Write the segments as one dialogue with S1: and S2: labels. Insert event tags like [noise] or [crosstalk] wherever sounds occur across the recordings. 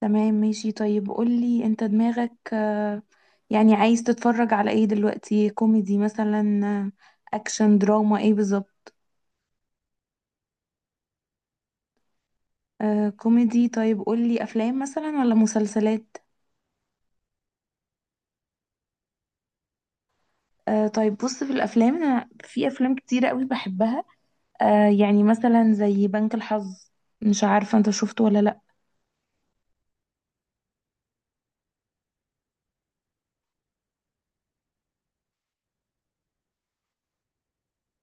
S1: تمام ماشي طيب قولي انت دماغك يعني عايز تتفرج على ايه دلوقتي؟ كوميدي مثلا؟ اكشن دراما ايه بالظبط؟ آه كوميدي. طيب قولي افلام مثلا ولا مسلسلات؟ آه طيب. بص في الافلام، انا في افلام كتيرة قوي بحبها. يعني مثلا زي بنك الحظ. مش عارفة انت شفته ولا لا؟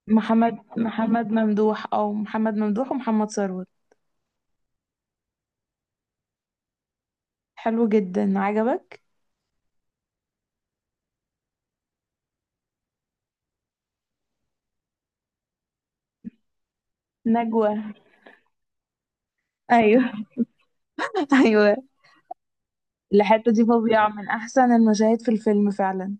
S1: محمد ممدوح او محمد ممدوح ومحمد ثروت. حلو جدا، عجبك؟ نجوى. ايوه. [laughs] ايوه. الحتة دي فظيعة، من أحسن المشاهد في الفيلم فعلا.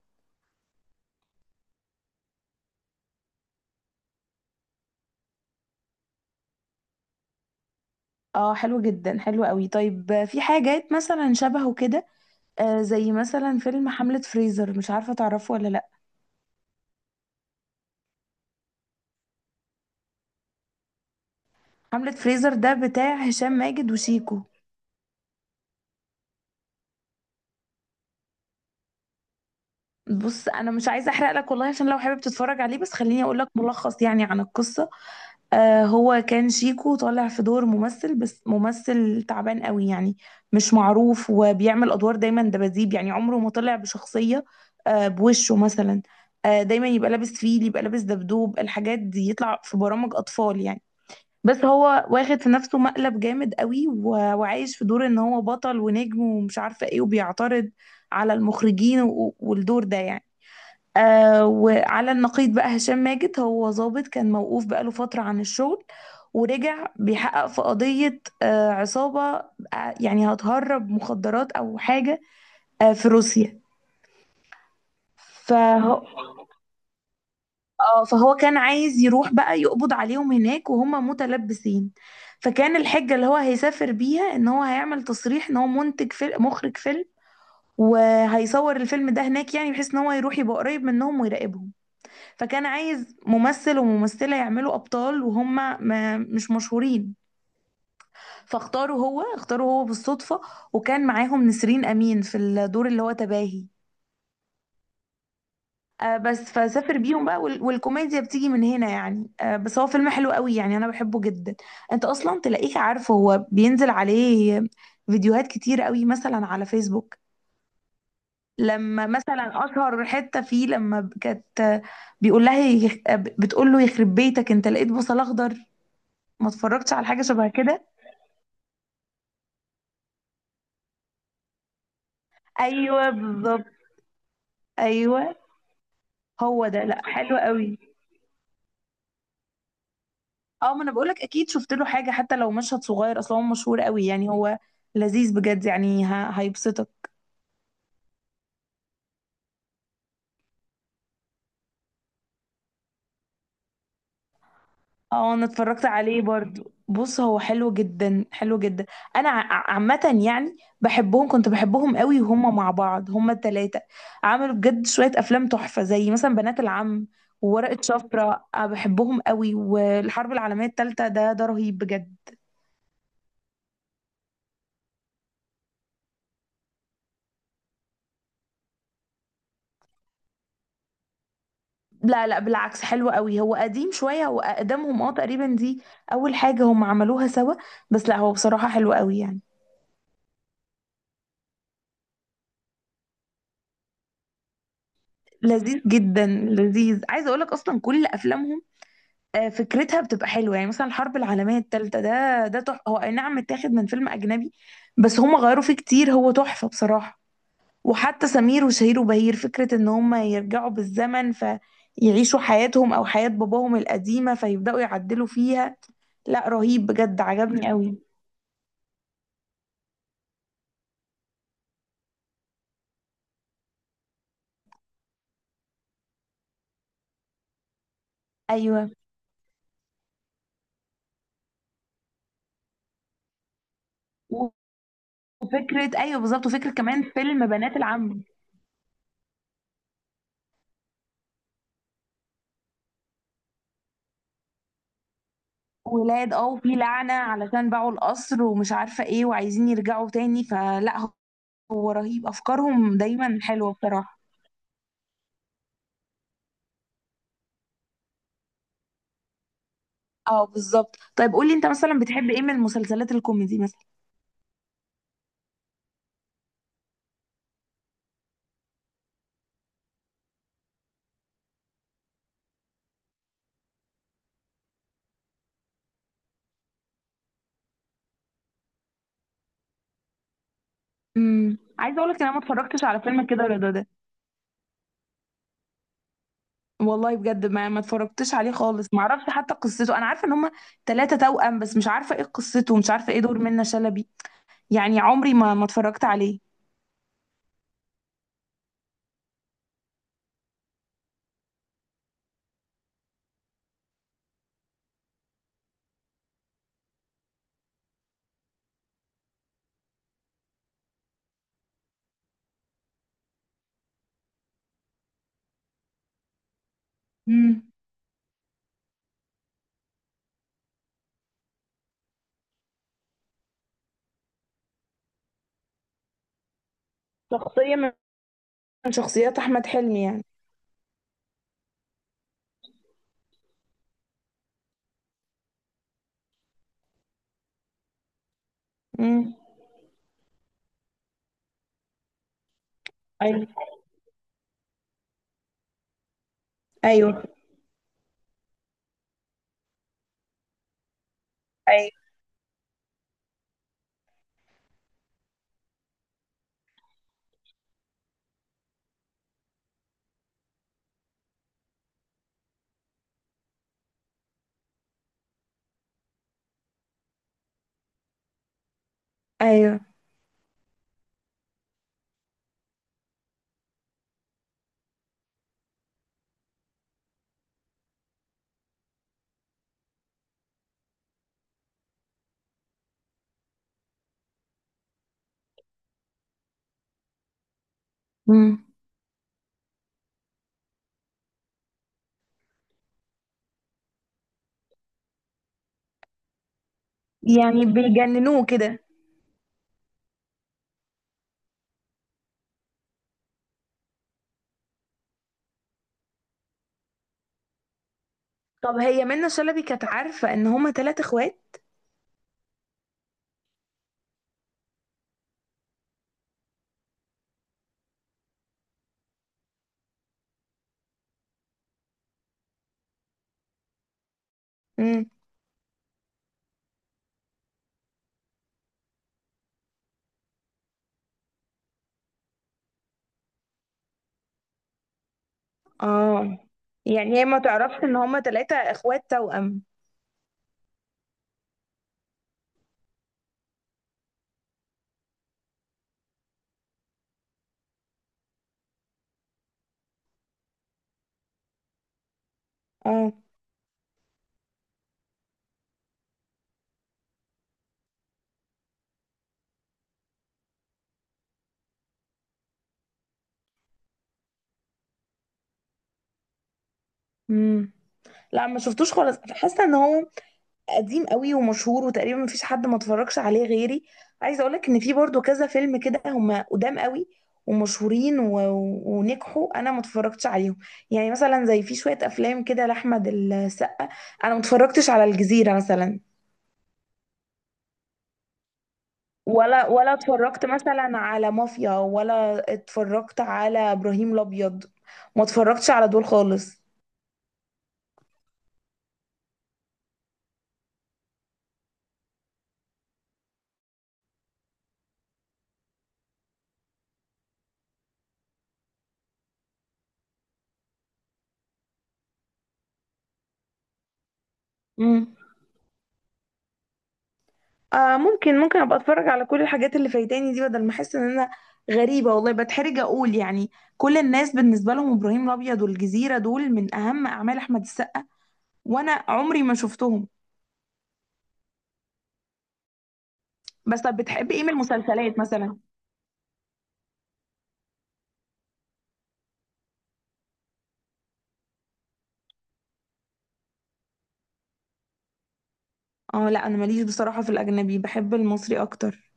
S1: اه حلو جدا، حلو قوي. طيب، في حاجات مثلا شبهه كده. زي مثلا فيلم حملة فريزر، مش عارفة تعرفه ولا لأ؟ حملة فريزر ده بتاع هشام ماجد وشيكو. بص، أنا مش عايزة أحرق لك والله، عشان لو حابب تتفرج عليه. بس خليني أقول لك ملخص يعني عن القصة. هو كان شيكو طالع في دور ممثل، بس ممثل تعبان قوي يعني. مش معروف، وبيعمل ادوار دايما دباديب، يعني عمره ما طلع بشخصية. بوشه مثلا. دايما يبقى لابس فيل، يبقى لابس دبدوب، الحاجات دي يطلع في برامج اطفال يعني. بس هو واخد في نفسه مقلب جامد قوي، وعايش في دور ان هو بطل ونجم ومش عارفة ايه، وبيعترض على المخرجين والدور ده يعني. وعلى النقيض بقى، هشام ماجد هو ظابط كان موقوف بقاله فترة عن الشغل، ورجع بيحقق في قضية عصابة، يعني هتهرب مخدرات أو حاجة، في روسيا. فهو فهو كان عايز يروح بقى يقبض عليهم هناك وهم متلبسين. فكان الحجة اللي هو هيسافر بيها، إن هو هيعمل تصريح إن هو منتج فيلم، مخرج فيلم، وهيصور الفيلم ده هناك، يعني بحيث ان هو يروح يبقى قريب منهم ويراقبهم. فكان عايز ممثل وممثلة يعملوا أبطال، وهم ما مش مشهورين. فاختاره هو بالصدفة. وكان معاهم نسرين أمين في الدور اللي هو تباهي. بس فسافر بيهم بقى، والكوميديا بتيجي من هنا يعني. بس هو فيلم حلو قوي، يعني أنا بحبه جدا. أنت أصلا تلاقيك عارفه، هو بينزل عليه فيديوهات كتير قوي مثلا على فيسبوك. لما مثلا أشهر حتة فيه، لما كانت، بيقول لها بتقول له: يخرب بيتك أنت، لقيت بصل أخضر؟ ما اتفرجتش على حاجة شبه كده؟ أيوه بالظبط. أيوه. هو ده، لا، حلو قوي. اه، ما انا بقولك اكيد شفت له حاجه، حتى لو مشهد صغير. اصلا هو مشهور قوي يعني، هو لذيذ بجد يعني، هيبسطك. اه، انا اتفرجت عليه برضو. بص هو حلو جدا، حلو جدا. انا عامه، يعني بحبهم، كنت بحبهم قوي وهم مع بعض، هم التلاتة عملوا بجد شويه افلام تحفه، زي مثلا بنات العم، وورقه شفره. بحبهم قوي. والحرب العالميه التالتة ده رهيب بجد. لا، لا، بالعكس، حلو قوي. هو قديم شوية، هو أقدمهم تقريبا. دي أول حاجة هم عملوها سوا. بس لا، هو بصراحة حلو قوي يعني. لذيذ جدا، لذيذ. عايزة أقولك أصلا كل أفلامهم فكرتها بتبقى حلوة يعني. مثلا الحرب العالمية التالتة ده تحفة، هو أي نعم متاخد من فيلم أجنبي، بس هم غيروا فيه كتير. هو تحفة بصراحة. وحتى سمير وشهير وبهير، فكرة إن هم يرجعوا بالزمن فيعيشوا حياتهم أو حياة باباهم القديمة، فيبدأوا يعدلوا فيها. لا، رهيب بجد، عجبني قوي. أيوة أيوه بالظبط، وفكرة كمان فيلم بنات العم. ولاد، وفي لعنة علشان باعوا القصر ومش عارفة ايه وعايزين يرجعوا تاني، فلا. هو رهيب، أفكارهم دايما حلوة بصراحة. اه بالظبط. طيب قولي انت مثلا، بتحب ايه من المسلسلات الكوميدي مثلا؟ عايزه اقولك ان انا ما اتفرجتش على فيلم كده رضا ده. والله بجد، ما اتفرجتش عليه خالص، ما اعرفش حتى قصته. انا عارفه ان هما ثلاثه توأم، بس مش عارفه ايه قصته، ومش عارفه ايه دور منة شلبي. يعني عمري ما اتفرجت عليه. امم شخصية من شخصيات احمد حلمي يعني. امم ايوه، ايوه، ايوه، ايوه امم يعني بيجننوه كده؟ طب هي منة شلبي كانت عارفة ان هما تلات اخوات؟ امم اه، يعني هي ما تعرفش ان هما تلاتة اخوات توأم؟ اه. امم لا، ما شفتوش خالص. حاسة ان هو قديم قوي ومشهور، وتقريبا مفيش حد ما اتفرجش عليه غيري. عايزه اقولك ان في برضو كذا فيلم كده، هم قدام قوي، ومشهورين ونجحوا. انا ما اتفرجتش عليهم. يعني مثلا زي في شويه افلام كده لاحمد السقا. انا ما اتفرجتش على الجزيره مثلا، ولا اتفرجت مثلا على مافيا، ولا اتفرجت على ابراهيم الابيض. ما اتفرجتش على دول خالص. ممكن ابقى اتفرج على كل الحاجات اللي فايتاني دي، بدل ما احس ان انا غريبه والله. بتحرج اقول يعني، كل الناس بالنسبه لهم ابراهيم الابيض والجزيره دول من اهم اعمال احمد السقا، وانا عمري ما شفتهم. بس طب بتحب ايه من المسلسلات مثلا؟ اه لا، انا ماليش بصراحه في الاجنبي، بحب المصري اكتر.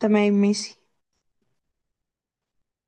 S1: تمام ماشي.